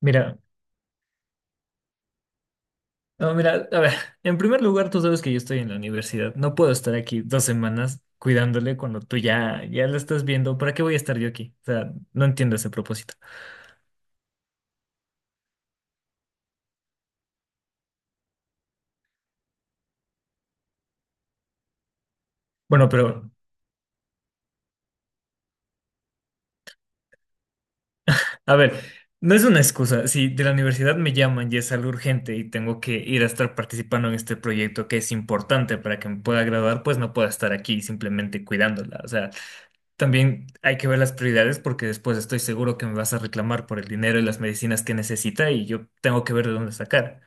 Mira, no, mira, a ver, en primer lugar, tú sabes que yo estoy en la universidad. No puedo estar aquí 2 semanas cuidándole cuando tú ya la estás viendo. ¿Para qué voy a estar yo aquí? O sea, no entiendo ese propósito. Bueno, pero, a ver, no es una excusa. Si de la universidad me llaman y es algo urgente y tengo que ir a estar participando en este proyecto que es importante para que me pueda graduar, pues no puedo estar aquí simplemente cuidándola. O sea, también hay que ver las prioridades porque después estoy seguro que me vas a reclamar por el dinero y las medicinas que necesita y yo tengo que ver de dónde sacar.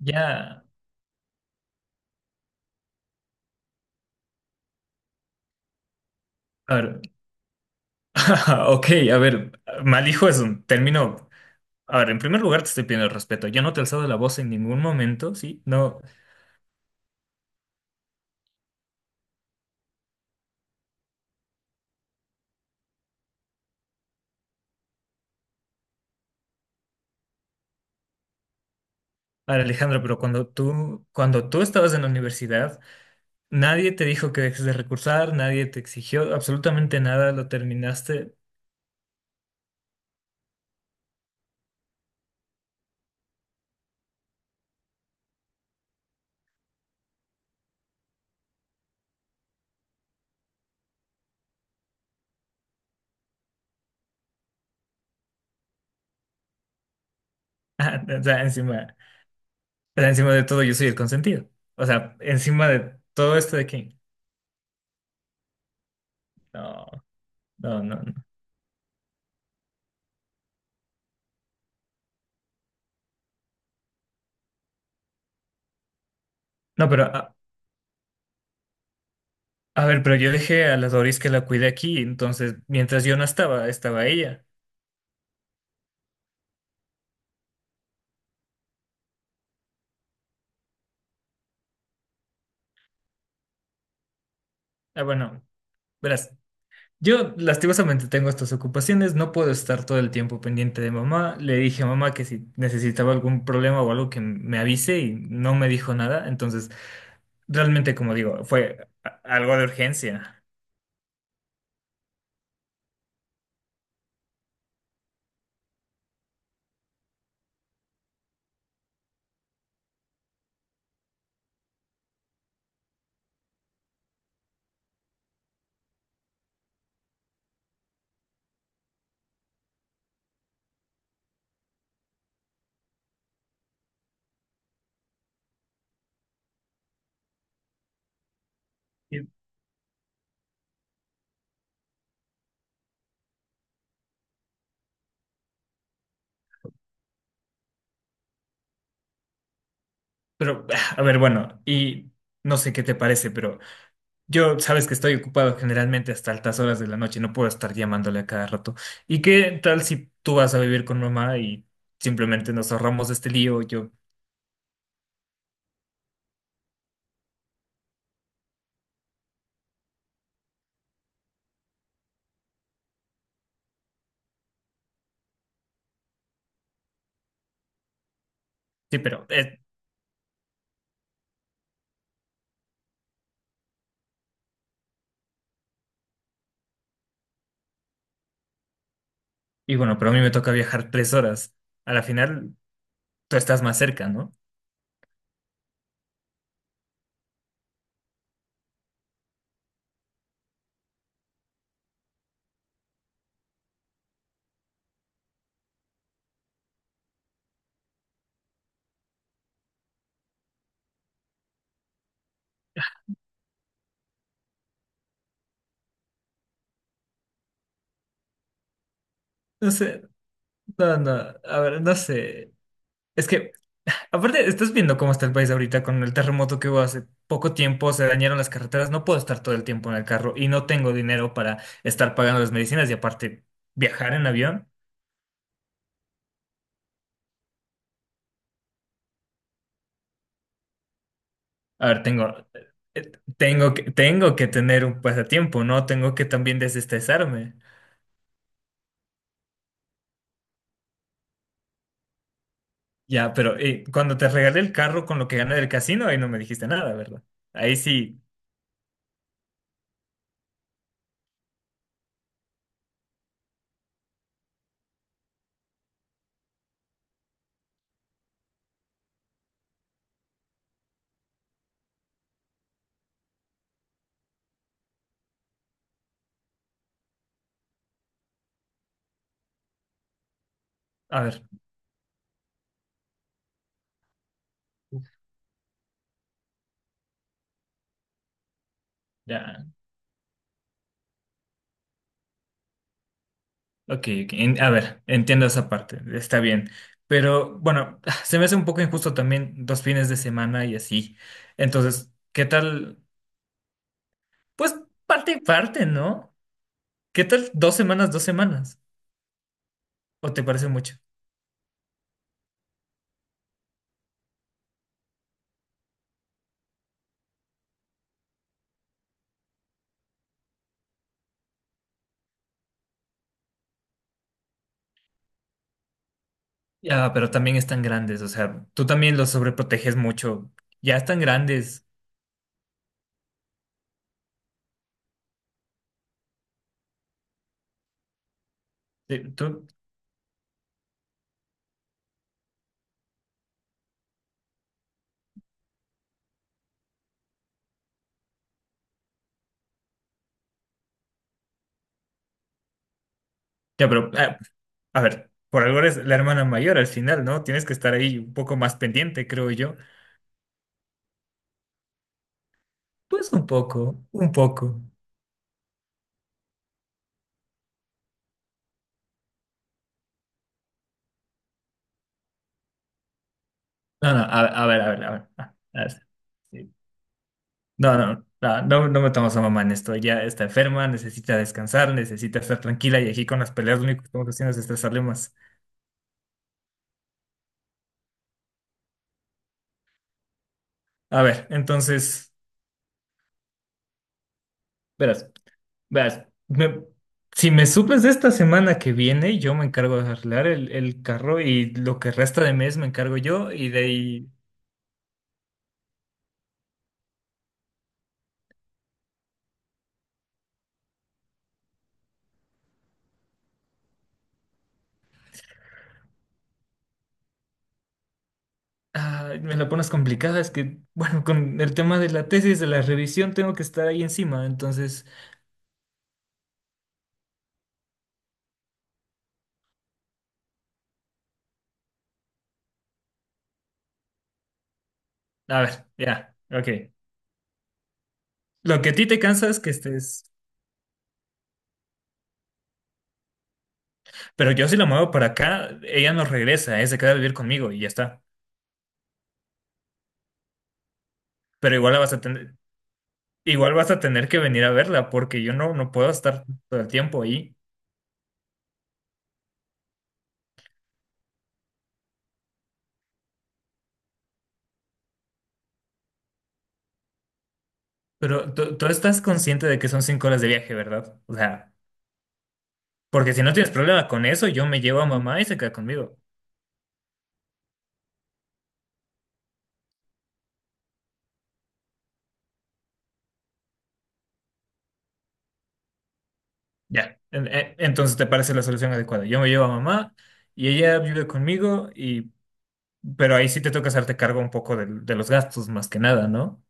Ya, a ver, ok, a ver, mal hijo es un término. A ver, en primer lugar te estoy pidiendo respeto. Yo no te he alzado la voz en ningún momento, ¿sí? No, a ver, Alejandra, pero cuando tú estabas en la universidad, nadie te dijo que dejes de recursar, nadie te exigió absolutamente nada, lo terminaste. O sea, encima. Pero encima de todo, yo soy el consentido. O sea, encima de todo esto de que... No, no, no, no. No, pero a ver, pero yo dejé a la Doris que la cuide aquí, entonces mientras yo no estaba, estaba ella. Ah, bueno, verás, yo lastimosamente tengo estas ocupaciones, no puedo estar todo el tiempo pendiente de mamá. Le dije a mamá que si necesitaba algún problema o algo que me avise y no me dijo nada, entonces realmente, como digo, fue algo de urgencia. Y- Pero, a ver, bueno, y no sé qué te parece, pero... Yo, sabes que estoy ocupado generalmente hasta altas horas de la noche, no puedo estar llamándole a cada rato. ¿Y qué tal si tú vas a vivir con mamá y simplemente nos ahorramos este lío? Yo, sí, pero y bueno, pero a mí me toca viajar 3 horas. A la final, tú estás más cerca, ¿no? No sé, no, no, a ver, no sé. Es que, aparte, estás viendo cómo está el país ahorita con el terremoto que hubo hace poco tiempo, se dañaron las carreteras, no puedo estar todo el tiempo en el carro y no tengo dinero para estar pagando las medicinas y aparte viajar en avión. A ver, tengo, tengo que tener un pasatiempo, ¿no? Tengo que también desestresarme. Ya, pero cuando te regalé el carro con lo que gané del casino, ahí no me dijiste nada, ¿verdad? Ahí sí, a ver, ya, ok, ok, a ver, entiendo esa parte, está bien. Pero bueno, se me hace un poco injusto también 2 fines de semana y así. Entonces, ¿qué tal? Pues parte y parte, ¿no? ¿Qué tal 2 semanas, 2 semanas? ¿O te parece mucho? Ya, pero también están grandes, o sea, tú también los sobreproteges mucho. Ya están grandes. Eh, Tú, ya, pero, a ver, por algo eres la hermana mayor al final, ¿no? Tienes que estar ahí un poco más pendiente, creo yo. Pues un poco, un poco. No, no, a ver, a ver, a ver. A ver. Sí. No, no, no, no, no metamos a mamá en esto. Ya está enferma, necesita descansar, necesita estar tranquila y aquí con las peleas lo único que estamos haciendo es estresarle más. A ver, entonces, verás. Veas, si me suples de esta semana que viene, yo me encargo de arreglar el carro y lo que resta de mes me encargo yo y de ahí me la pones complicada. Es que, bueno, con el tema de la tesis, de la revisión, tengo que estar ahí encima. Entonces, a ver, ya, ok. Lo que a ti te cansa es que estés... Pero yo si la muevo para acá, ella no regresa, ¿eh? Se queda a vivir conmigo y ya está. Pero igual la vas a tener, igual vas a tener que venir a verla porque yo no, no puedo estar todo el tiempo ahí. Pero tú estás consciente de que son 5 horas de viaje, ¿verdad? O sea, porque si no tienes problema con eso, yo me llevo a mamá y se queda conmigo. Ya. Entonces te parece la solución adecuada. Yo me llevo a mamá y ella vive conmigo y... Pero ahí sí te toca hacerte cargo un poco de, los gastos, más que nada, ¿no?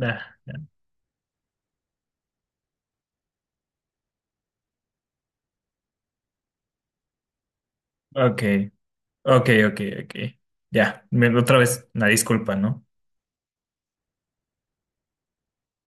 Ah, ok, ok, ok, ok. Ya, otra vez, una disculpa, ¿no?